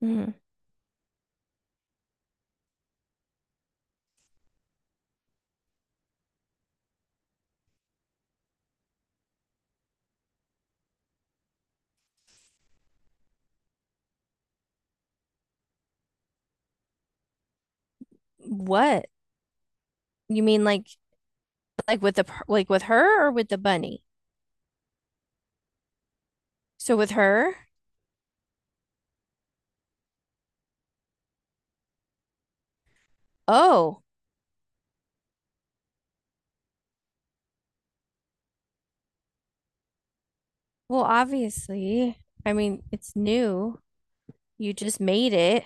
Mhm. What? You mean like like with her or with the bunny? So with her? Oh, well, obviously. I mean, it's new. You just made it.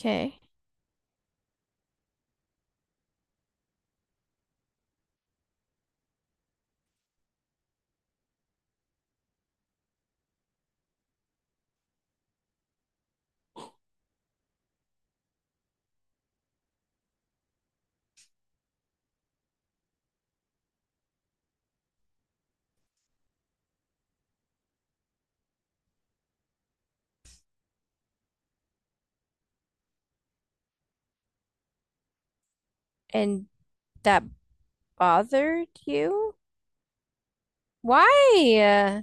Okay. And that bothered you? Why? Uh,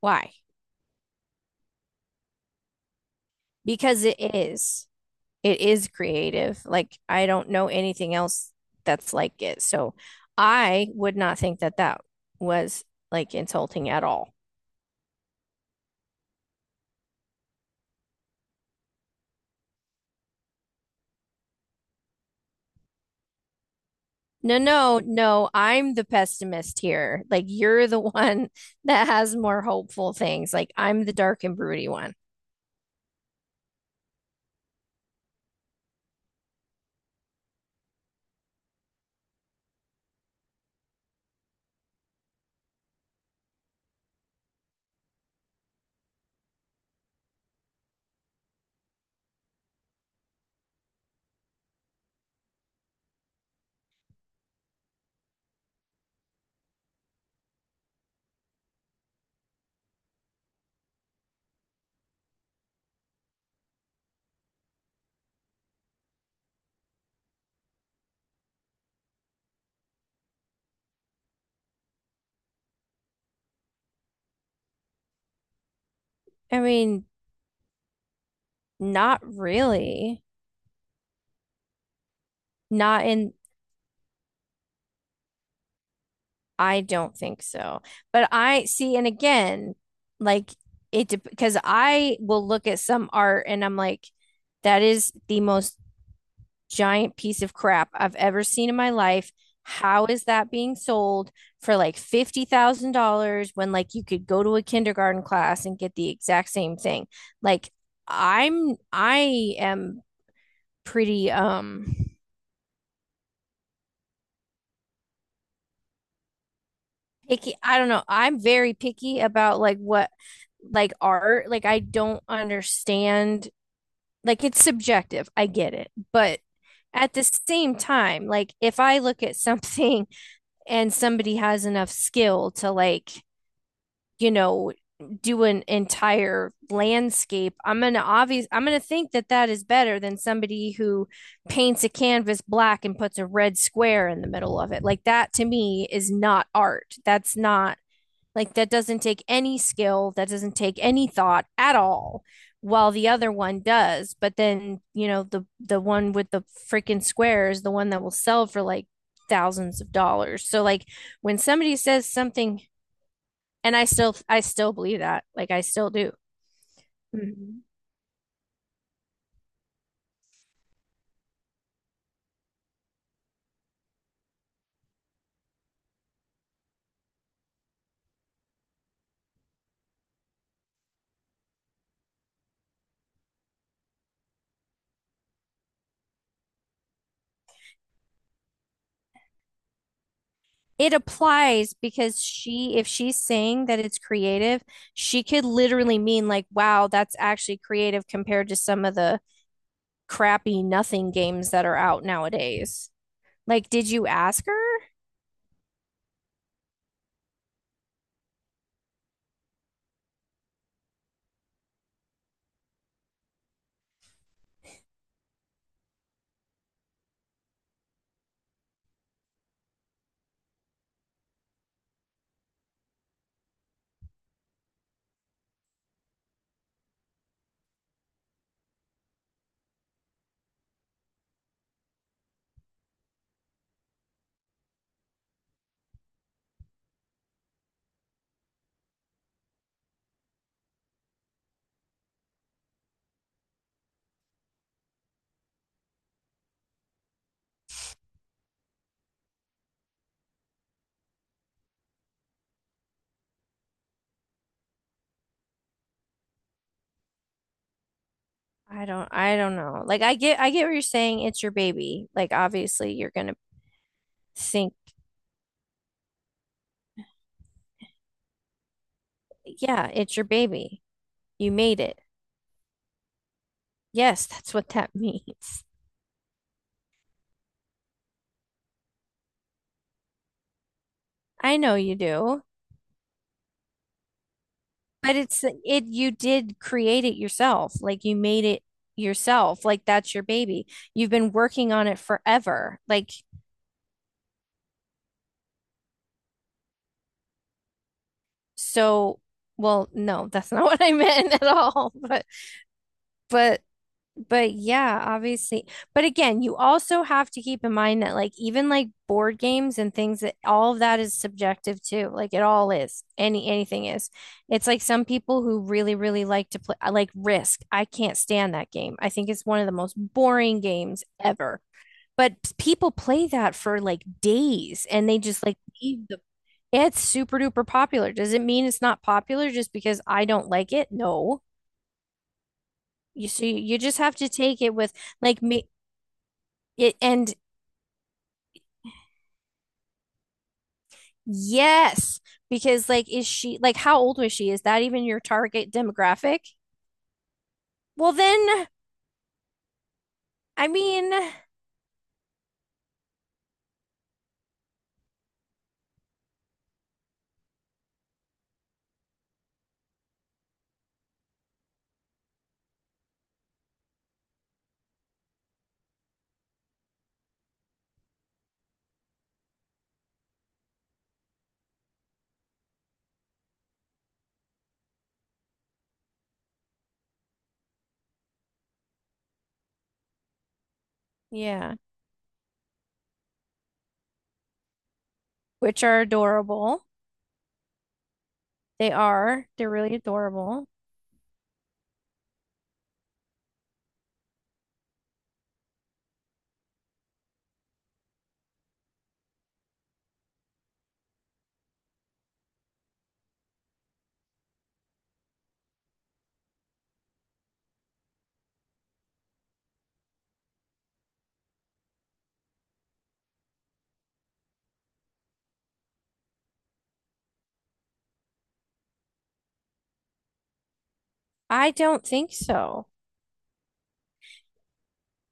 why? Because it is. It is creative. Like I don't know anything else that's like it. So I would not think that that was like insulting at all. No, no, no. I'm the pessimist here. Like you're the one that has more hopeful things. Like I'm the dark and broody one. I mean, not really. Not in, I don't think so. But I see, and again, like because I will look at some art and I'm like, that is the most giant piece of crap I've ever seen in my life. How is that being sold for like $50,000 when like you could go to a kindergarten class and get the exact same thing? Like I am pretty picky. I don't know. I'm very picky about like what like art. Like I don't understand like it's subjective. I get it. But at the same time, like if I look at something and somebody has enough skill to like, you know, do an entire landscape, I'm gonna think that that is better than somebody who paints a canvas black and puts a red square in the middle of it. Like that to me is not art. That's not like that doesn't take any skill, that doesn't take any thought at all, while the other one does. But then, the one with the freaking square is the one that will sell for like thousands of dollars. So like when somebody says something and I still believe that. Like I still do. Mhm. It applies because she if she's saying that it's creative, she could literally mean like wow, that's actually creative compared to some of the crappy nothing games that are out nowadays. Like, did you ask her? I don't know. Like I get what you're saying. It's your baby. Like obviously you're gonna think, yeah, it's your baby. You made it. Yes, that's what that means. I know you do. But it you did create it yourself. Like you made it yourself. Like that's your baby. You've been working on it forever. Like so well, no, that's not what I meant at all. But but But yeah, obviously. But again, you also have to keep in mind that like even like board games and things that all of that is subjective too. Like it all is. Anything is. It's like some people who really, really like to play I like Risk. I can't stand that game. I think it's one of the most boring games ever. But people play that for like days and they just like leave the it's super duper popular. Does it mean it's not popular just because I don't like it? No. You see, you just have to take it with like me. And yes, because like, is she like, how old was she? Is that even your target demographic? Well, then, I mean, yeah, which are adorable. They are. They're really adorable. I don't think so.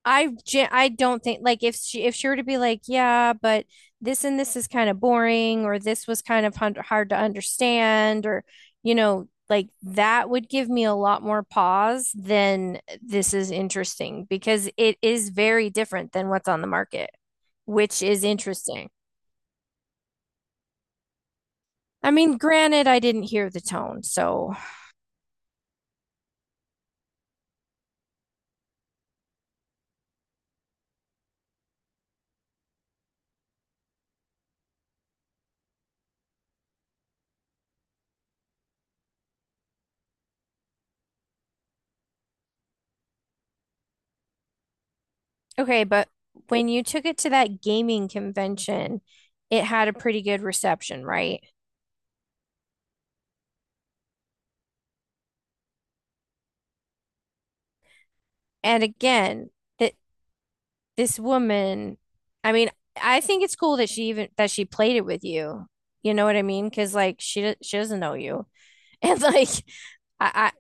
I I don't think like if she were to be like, yeah, but this and this is kind of boring, or this was kind of hard to understand, or like that would give me a lot more pause than this is interesting because it is very different than what's on the market, which is interesting. I mean, granted, I didn't hear the tone, so okay, but when you took it to that gaming convention, it had a pretty good reception, right? And again, that this woman, I mean, I think it's cool that she even that she played it with you. You know what I mean? Because like she doesn't know you, and like I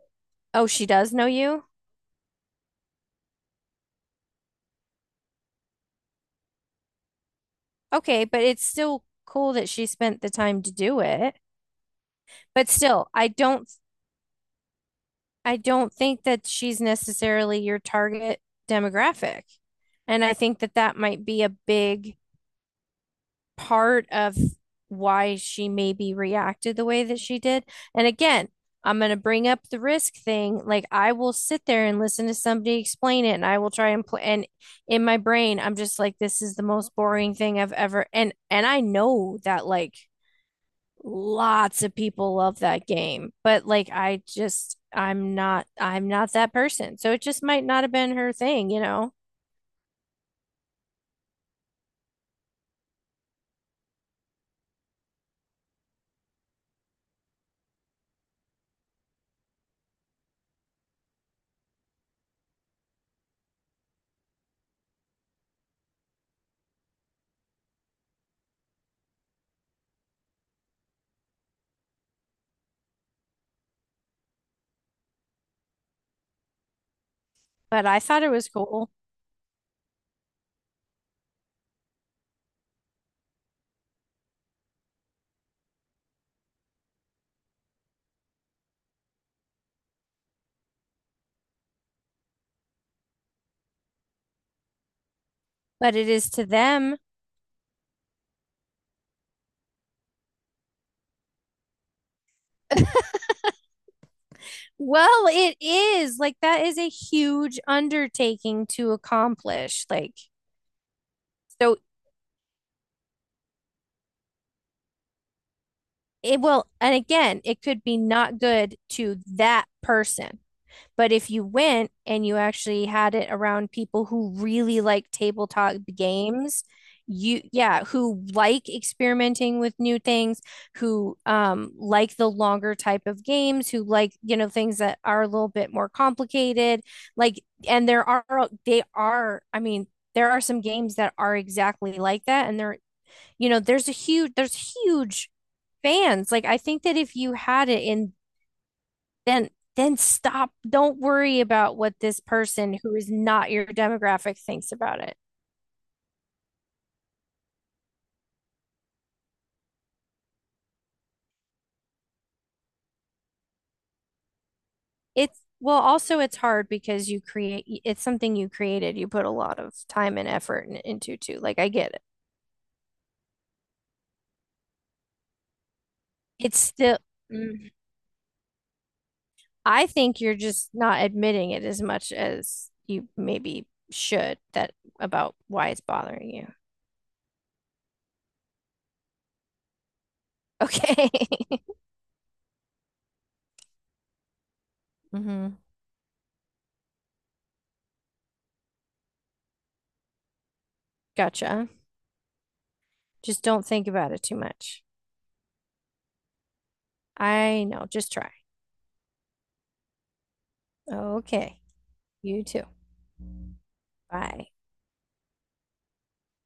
oh she does know you. Okay, but it's still cool that she spent the time to do it. But still, I don't think that she's necessarily your target demographic, and I think that that might be a big part of why she maybe reacted the way that she did. And again, I'm going to bring up the Risk thing. Like I will sit there and listen to somebody explain it and I will try and play and in my brain I'm just like this is the most boring thing I've ever and I know that like lots of people love that game, but like I'm not that person. So it just might not have been her thing, you know. But I thought it was cool. But it is to them. Well, it is like that is a huge undertaking to accomplish. Like, so and again, it could be not good to that person. But if you went and you actually had it around people who really like tabletop games, yeah, who like experimenting with new things, who like the longer type of games, who like, things that are a little bit more complicated. Like, and there are, they are, I mean, there are some games that are exactly like that. And there, there's huge fans. Like, I think that if you had it in then then stop. Don't worry about what this person who is not your demographic thinks about it. It's well, also it's hard because you create it's something you created. You put a lot of time and effort into too. Like I get it. It's still Mm. I think you're just not admitting it as much as you maybe should that about why it's bothering you. Okay. Hmm. Gotcha. Just don't think about it too much. I know. Just try. Okay. You too. Bye.